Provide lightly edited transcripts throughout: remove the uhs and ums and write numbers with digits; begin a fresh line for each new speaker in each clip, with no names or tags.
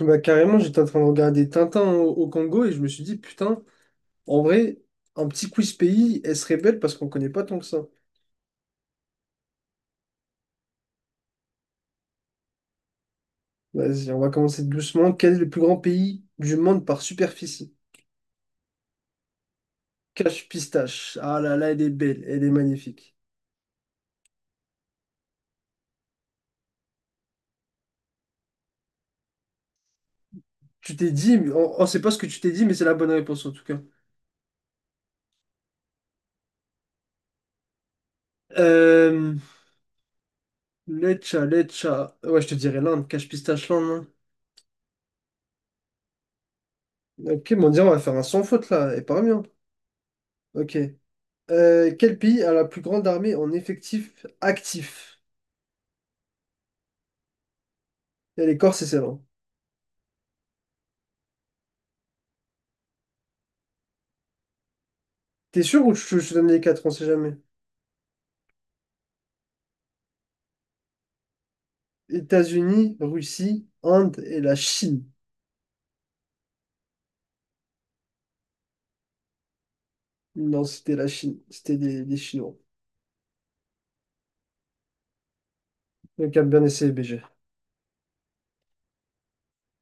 Bah, carrément, j'étais en train de regarder Tintin au Congo et je me suis dit, putain, en vrai, un petit quiz pays, elle serait belle parce qu'on connaît pas tant que ça. Vas-y, on va commencer doucement. Quel est le plus grand pays du monde par superficie? Cache pistache. Ah là là, elle est belle, elle est magnifique. Tu t'es dit, mais on sait pas ce que tu t'es dit, mais c'est la bonne réponse en tout cas. Euh, Lecha, Lecha. Ouais, je te dirais l'Inde, cache pistache l'Inde. Hein. Ok, bon, on dirait, on va faire un sans faute là, et pas bien. Ok. Quel pays a la plus grande armée en effectif actif? Et les Corses et Céylon. T'es sûr ou je te donne les quatre, on sait jamais. États-Unis, Russie, Inde et la Chine. Non, c'était la Chine. C'était des Chinois. Donc, à bien essayé, BG.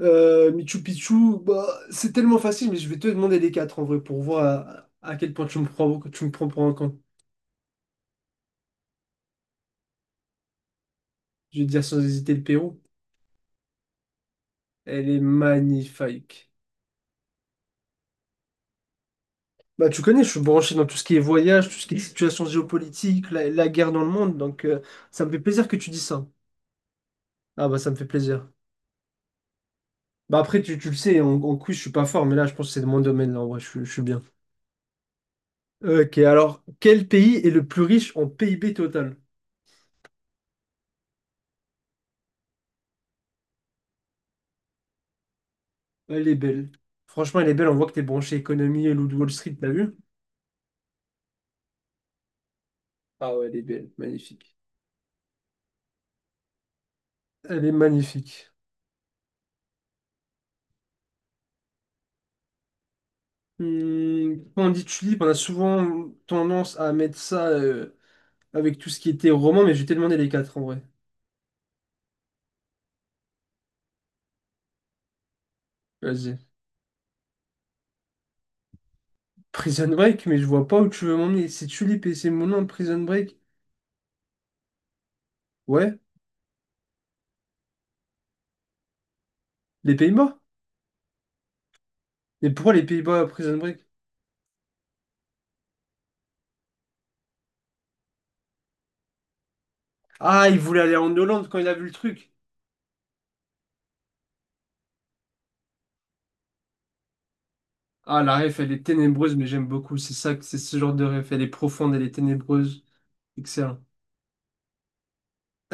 Michu Picchu, bah, c'est tellement facile, mais je vais te demander les quatre en vrai pour voir à quel point tu me prends pour un con. Je vais te dire sans hésiter le Pérou. Elle est magnifique. Bah, tu connais, je suis branché dans tout ce qui est voyage, tout ce qui est situation géopolitique, la guerre dans le monde, donc ça me fait plaisir que tu dis ça. Ah bah ça me fait plaisir. Bah après, tu le sais, en quiz, je suis pas fort, mais là, je pense que c'est de mon domaine, là, en vrai, je suis bien. Ok, alors, quel pays est le plus riche en PIB total? Elle est belle. Franchement, elle est belle, on voit que t'es branché économie et Loup de Wall Street, t'as vu? Ah ouais, elle est belle, magnifique. Elle est magnifique. Hmm, quand on dit tulipe, on a souvent tendance à mettre ça avec tout ce qui était roman, mais je vais te demander les quatre, en vrai. Vas-y. Prison Break, mais je vois pas où tu veux m'emmener. C'est tu et c'est mon nom, Prison Break. Ouais, les Pays-Bas. Mais pourquoi les Pays-Bas, Prison Break? Ah, il voulait aller en Hollande quand il a vu le truc. Ah, la ref, elle est ténébreuse, mais j'aime beaucoup. C'est ça, que- c'est ce genre de ref. Elle est profonde, elle est ténébreuse. Excellent.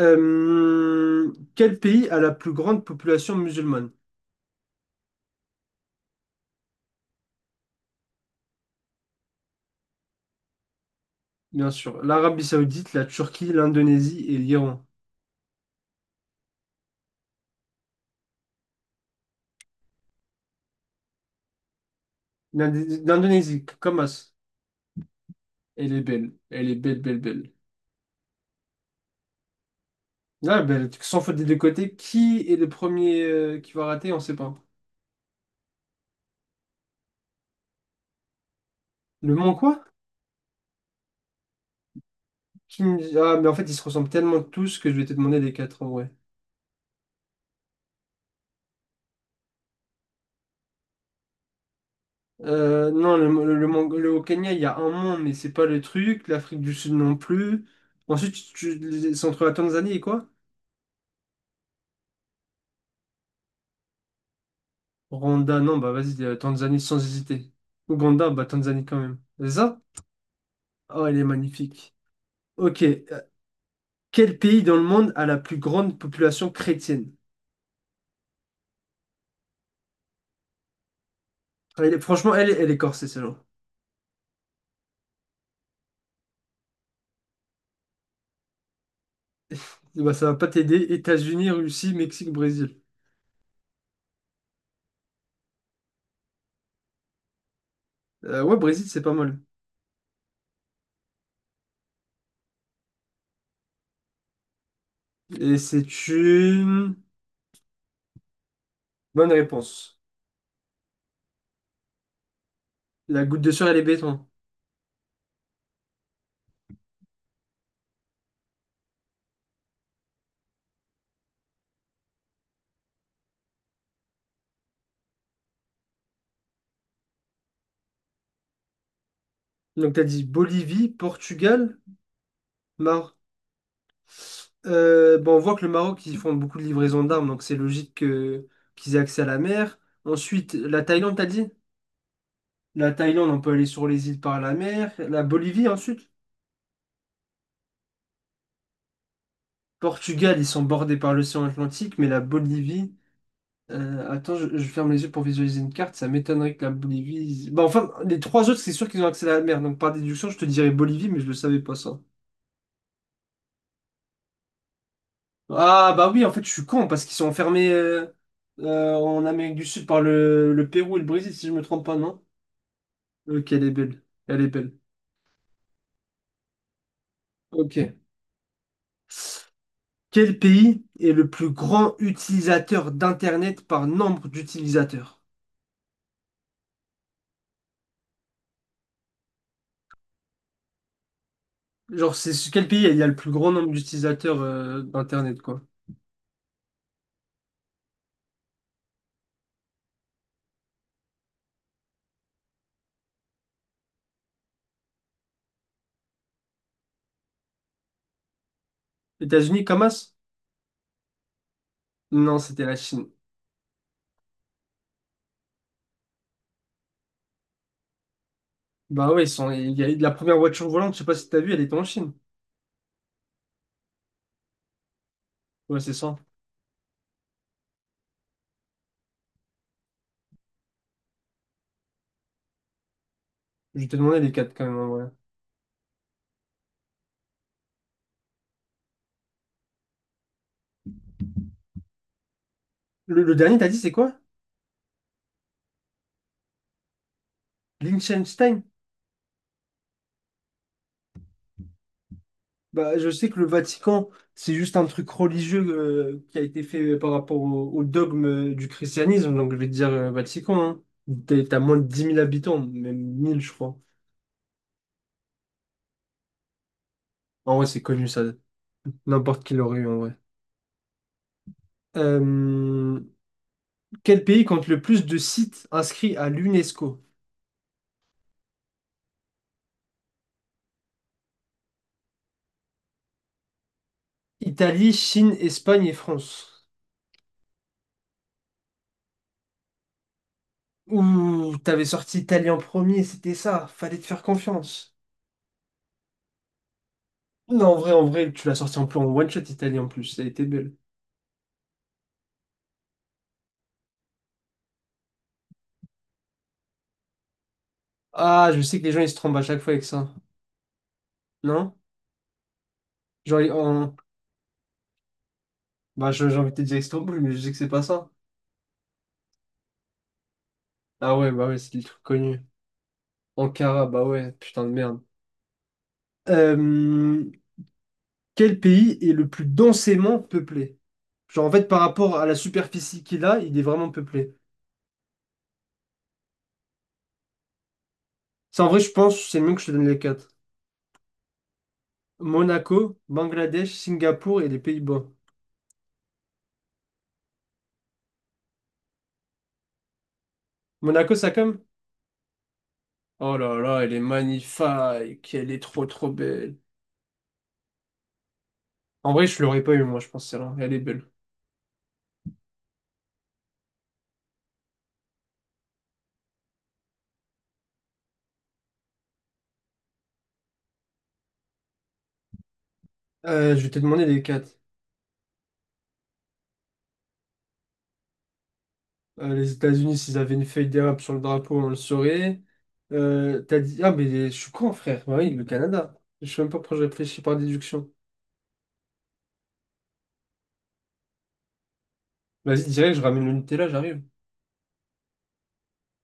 Quel pays a la plus grande population musulmane? Bien sûr, l'Arabie Saoudite, la Turquie, l'Indonésie et l'Iran. L'Indé- L'Indonésie, Kamas. Elle est belle. Elle est belle, belle, belle. Là, ben, sans faute des deux côtés, qui est le premier qui va rater, on sait pas. Le Mans quoi? Qui... me- Ah, mais en fait, ils se ressemblent tellement tous que je vais te demander les quatre en vrai. Non, le Mont- le- au Kenya, il y a un Mont, mais c'est pas le truc. L'Afrique du Sud non plus. Ensuite, c'est entre la Tanzanie et quoi? Rwanda, non, bah vas-y, Tanzanie sans hésiter. Ouganda, bah Tanzanie quand même. C'est ça? Oh, elle est magnifique. Ok, quel pays dans le monde a la plus grande population chrétienne? Elle est- franchement, elle est corsée, celle bah ça va pas t'aider. États-Unis, Russie, Mexique, Brésil. Ouais, Brésil, c'est pas mal. Et c'est une bonne réponse. La goutte de sueur, elle est béton. Donc, t'as dit Bolivie, Portugal, Maroc. Bon, on voit que le Maroc, ils font beaucoup de livraisons d'armes, donc c'est logique que qu'ils aient accès à la mer. Ensuite, la Thaïlande, t'as dit? La Thaïlande, on peut aller sur les îles par la mer. La Bolivie, ensuite. Portugal, ils sont bordés par l'océan Atlantique, mais la Bolivie. Attends, je ferme les yeux pour visualiser une carte. Ça m'étonnerait que la Bolivie. Bah, enfin, les trois autres, c'est sûr qu'ils ont accès à la mer. Donc, par déduction, je te dirais Bolivie, mais je le savais pas ça. Ah, bah oui, en fait, je suis con parce qu'ils sont enfermés en Amérique du Sud par le Pérou et le Brésil, si je me trompe pas, non? Ok, elle est belle. Elle est belle. Ok. Quel pays est le plus grand utilisateur d'Internet par nombre d'utilisateurs? Genre, c'est quel pays il y a le plus grand nombre d'utilisateurs d'Internet, quoi? États-Unis, Comas? Non, c'était la Chine. Bah ouais, ils sont... il y a eu de la première voiture volante, je sais pas si t'as vu, elle était en Chine. Ouais, c'est ça. Je t'ai demandé les quatre quand même en vrai. Le dernier, t'as dit, c'est quoi? Liechtenstein? Bah, je sais que le Vatican, c'est juste un truc religieux qui a été fait par rapport au dogme du christianisme, donc je vais te dire Vatican. Hein. T'es- T'as moins de dix mille habitants, même 1000 je crois. En vrai, c'est connu ça. N'importe qui l'aurait eu en vrai. Euh, quel pays compte le plus de sites inscrits à l'UNESCO? Italie, Chine, Espagne et France. Ouh, t'avais sorti Italie en premier, c'était ça. Fallait te faire confiance. Non, en vrai, tu l'as sorti en plan one shot Italie en plus. Ça a été belle. Ah, je sais que les gens ils se trompent à chaque fois avec ça. Non? Genre, ils- en... bah, je- j'ai envie de te dire Istanbul mais je sais que c'est pas ça. Ah ouais, bah ouais, c'est le truc connu. Ankara, bah ouais, putain de merde. Euh, Quel pays est le plus densément peuplé? Genre, en fait, par rapport à la superficie qu'il a, il est vraiment peuplé. Ça, en vrai, je pense, c'est mieux que je te donne les quatre. Monaco, Bangladesh, Singapour et les Pays-Bas. Monaco, ça comme? Oh là là, elle est magnifique. Elle est trop, trop belle. En vrai, je l'aurais pas eu, moi, je pense, celle-là. Elle est belle. Je vais te demander les quatre. Les États-Unis, s'ils avaient une feuille d'érable sur le drapeau, on le saurait. T'as dit... Ah, mais je suis con, frère. Bah oui, le Canada. Je sais même pas pourquoi je réfléchis par déduction. Vas-y, direct, je ramène le Nutella, j'arrive.